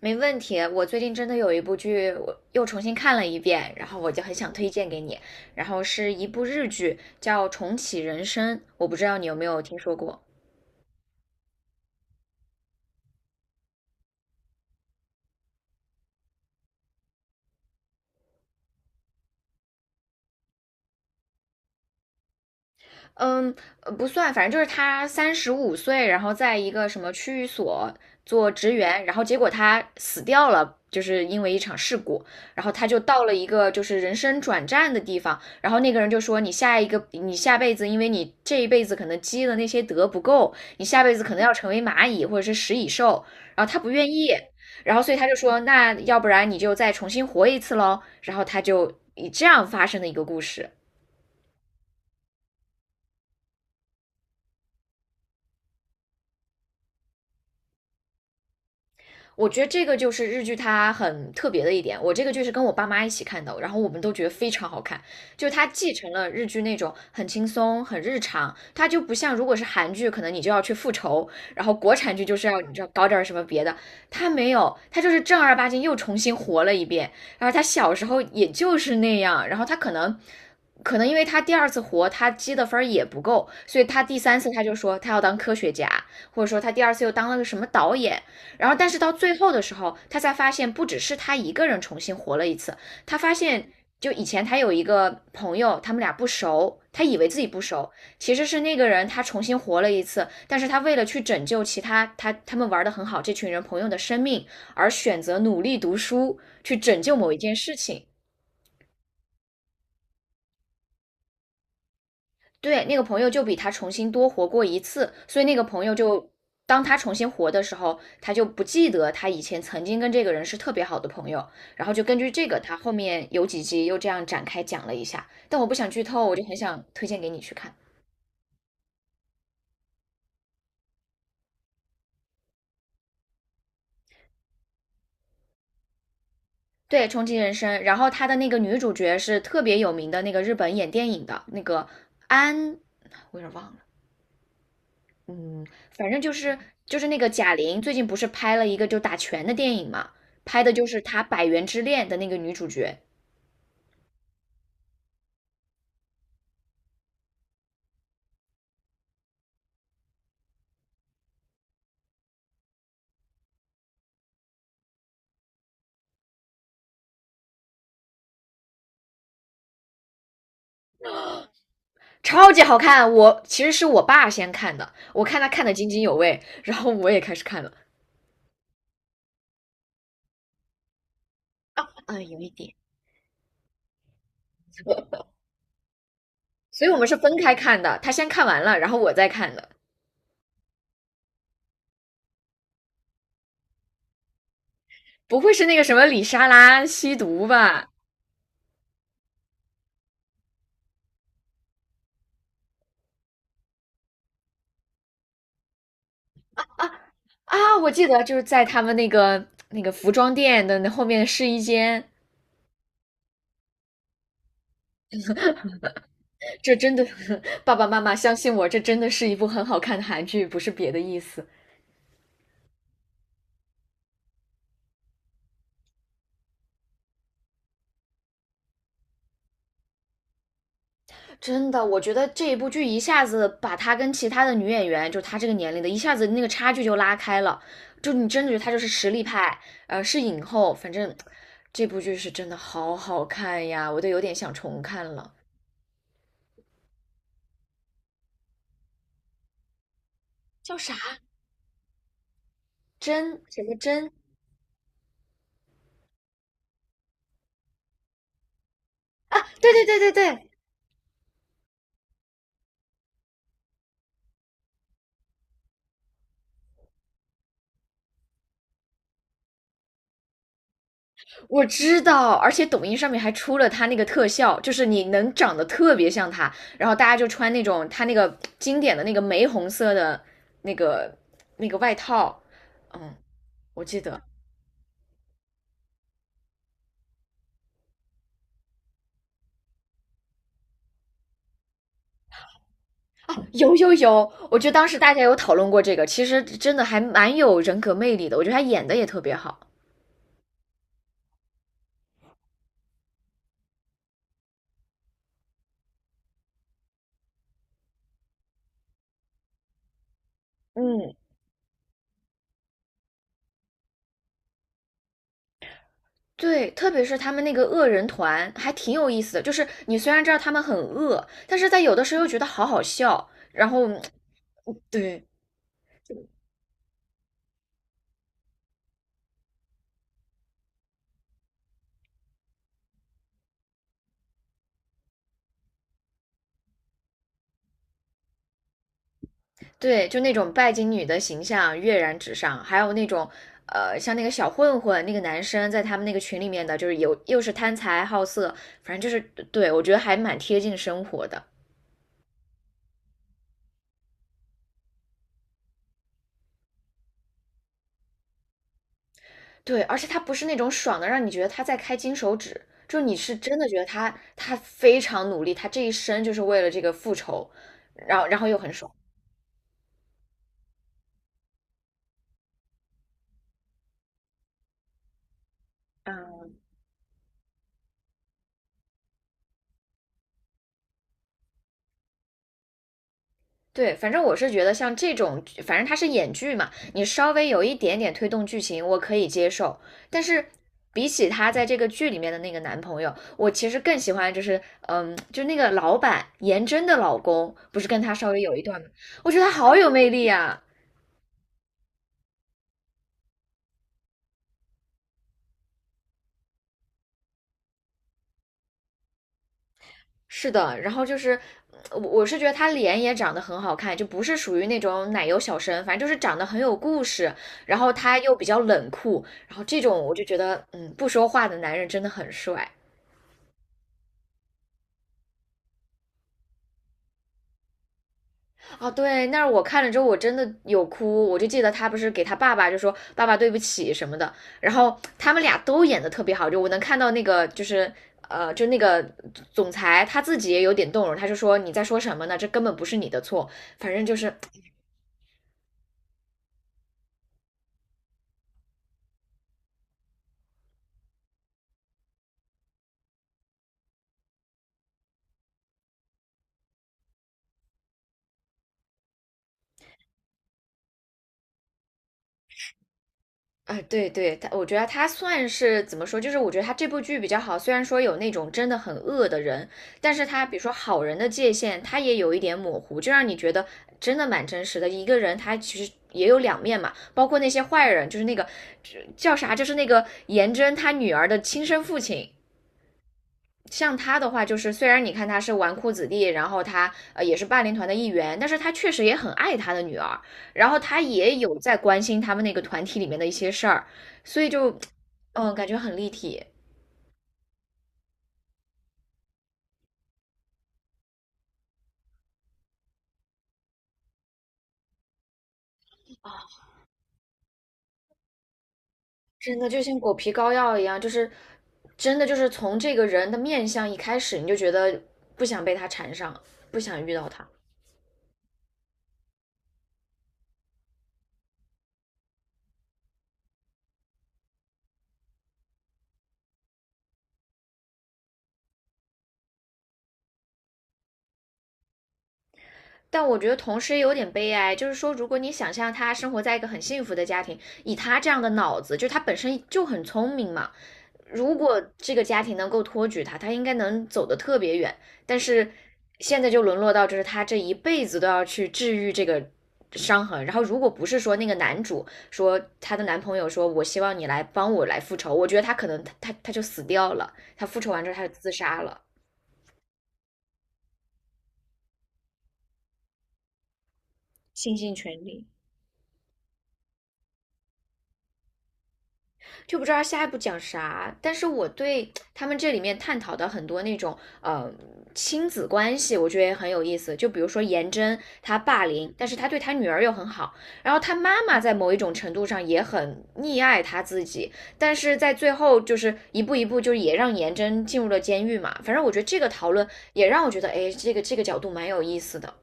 没问题。我最近真的有一部剧，我又重新看了一遍，然后我就很想推荐给你。然后是一部日剧，叫《重启人生》，我不知道你有没有听说过。嗯，不算，反正就是他35岁，然后在一个什么区域所做职员，然后结果他死掉了，就是因为一场事故，然后他就到了一个就是人生转站的地方，然后那个人就说你下辈子，因为你这一辈子可能积的那些德不够，你下辈子可能要成为蚂蚁或者是食蚁兽，然后他不愿意，然后所以他就说那要不然你就再重新活一次喽，然后他就以这样发生的一个故事。我觉得这个就是日剧它很特别的一点。我这个剧是跟我爸妈一起看的，然后我们都觉得非常好看，就是它继承了日剧那种很轻松、很日常，它就不像如果是韩剧，可能你就要去复仇，然后国产剧就是要你知道搞点什么别的，它没有，它就是正儿八经又重新活了一遍。然后他小时候也就是那样，然后他可能因为他第二次活，他积的分儿也不够，所以他第三次他就说他要当科学家，或者说他第二次又当了个什么导演，然后，但是到最后的时候，他才发现不只是他一个人重新活了一次，他发现就以前他有一个朋友，他们俩不熟，他以为自己不熟，其实是那个人他重新活了一次，但是他为了去拯救其他他们玩的很好这群人朋友的生命，而选择努力读书去拯救某一件事情。对，那个朋友就比他重新多活过一次，所以那个朋友就当他重新活的时候，他就不记得他以前曾经跟这个人是特别好的朋友，然后就根据这个，他后面有几集又这样展开讲了一下，但我不想剧透，我就很想推荐给你去看。对，重启人生，然后他的那个女主角是特别有名的那个日本演电影的那个安，我有点忘了，嗯，反正就是那个贾玲最近不是拍了一个就打拳的电影嘛，拍的就是她《百元之恋》的那个女主角，超级好看。我其实是我爸先看的，我看他看的津津有味，然后我也开始看了，啊，有一点，所以我们是分开看的，他先看完了，然后我再看的。不会是那个什么李莎拉吸毒吧？啊，我记得就是在他们那个服装店的那后面的试衣间，这真的，爸爸妈妈相信我，这真的是一部很好看的韩剧，不是别的意思。真的，我觉得这一部剧一下子把她跟其他的女演员，就她这个年龄的，一下子那个差距就拉开了。就你真的觉得她就是实力派，是影后。反正这部剧是真的好好看呀，我都有点想重看了。叫啥？真什么真啊？对对对对对，我知道，而且抖音上面还出了他那个特效，就是你能长得特别像他，然后大家就穿那种他那个经典的那个玫红色的那个那个外套，嗯，我记得有有有，我觉得当时大家有讨论过这个，其实真的还蛮有人格魅力的，我觉得他演的也特别好，嗯，对，特别是他们那个恶人团还挺有意思的，就是你虽然知道他们很恶，但是在有的时候又觉得好好笑，然后对。对，就那种拜金女的形象跃然纸上，还有那种，像那个小混混那个男生在他们那个群里面的，就是有又是贪财好色，反正就是对我觉得还蛮贴近生活的。对，而且他不是那种爽的，让你觉得他在开金手指，就你是真的觉得他非常努力，他这一生就是为了这个复仇，然后又很爽。对，反正我是觉得像这种，反正他是演剧嘛，你稍微有一点点推动剧情，我可以接受。但是比起他在这个剧里面的那个男朋友，我其实更喜欢就是，嗯，就那个老板颜真的老公，不是跟他稍微有一段吗？我觉得他好有魅力啊。是的，然后就是。我是觉得他脸也长得很好看，就不是属于那种奶油小生，反正就是长得很有故事，然后他又比较冷酷，然后这种我就觉得，嗯，不说话的男人真的很帅。哦，对，那我看了之后，我真的有哭。我就记得他不是给他爸爸就说"爸爸对不起"什么的，然后他们俩都演的特别好，就我能看到那个就是就那个总裁他自己也有点动容，他就说："你在说什么呢？这根本不是你的错。"反正就是啊，对对，他我觉得他算是怎么说，就是我觉得他这部剧比较好，虽然说有那种真的很恶的人，但是他比如说好人的界限，他也有一点模糊，就让你觉得真的蛮真实的。一个人他其实也有两面嘛，包括那些坏人，就是那个叫啥，就是那个颜真他女儿的亲生父亲，像他的话，就是虽然你看他是纨绔子弟，然后他呃也是霸凌团的一员，但是他确实也很爱他的女儿，然后他也有在关心他们那个团体里面的一些事儿，所以就嗯感觉很立体啊，真的就像狗皮膏药一样，就是真的就是从这个人的面相一开始，你就觉得不想被他缠上，不想遇到他。但我觉得同时也有点悲哀，就是说，如果你想象他生活在一个很幸福的家庭，以他这样的脑子，就他本身就很聪明嘛，如果这个家庭能够托举他，他应该能走得特别远。但是现在就沦落到，就是他这一辈子都要去治愈这个伤痕。然后，如果不是说那个男主说他的男朋友说，我希望你来帮我来复仇，我觉得他可能他就死掉了，他复仇完之后他就自杀了，倾尽全力。就不知道下一步讲啥。但是我对他们这里面探讨的很多那种亲子关系，我觉得也很有意思。就比如说颜真，她霸凌，但是她对她女儿又很好，然后他妈妈在某一种程度上也很溺爱他自己，但是在最后就是一步一步，就是也让颜真进入了监狱嘛。反正我觉得这个讨论也让我觉得，哎，这个这个角度蛮有意思的。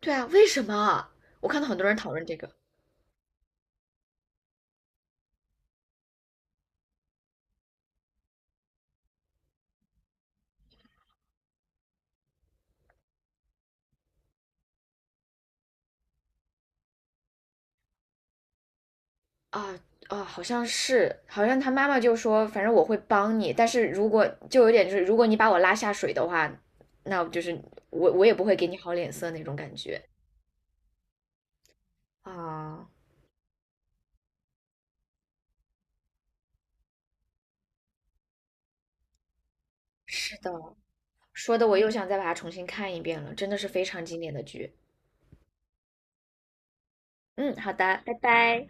对啊，为什么？我看到很多人讨论这个。啊啊，好像是，好像他妈妈就说，反正我会帮你，但是如果就有点就是，如果你把我拉下水的话，那就是我也不会给你好脸色那种感觉啊。是的，说的我又想再把它重新看一遍了，真的是非常经典的剧。嗯，好的，拜拜。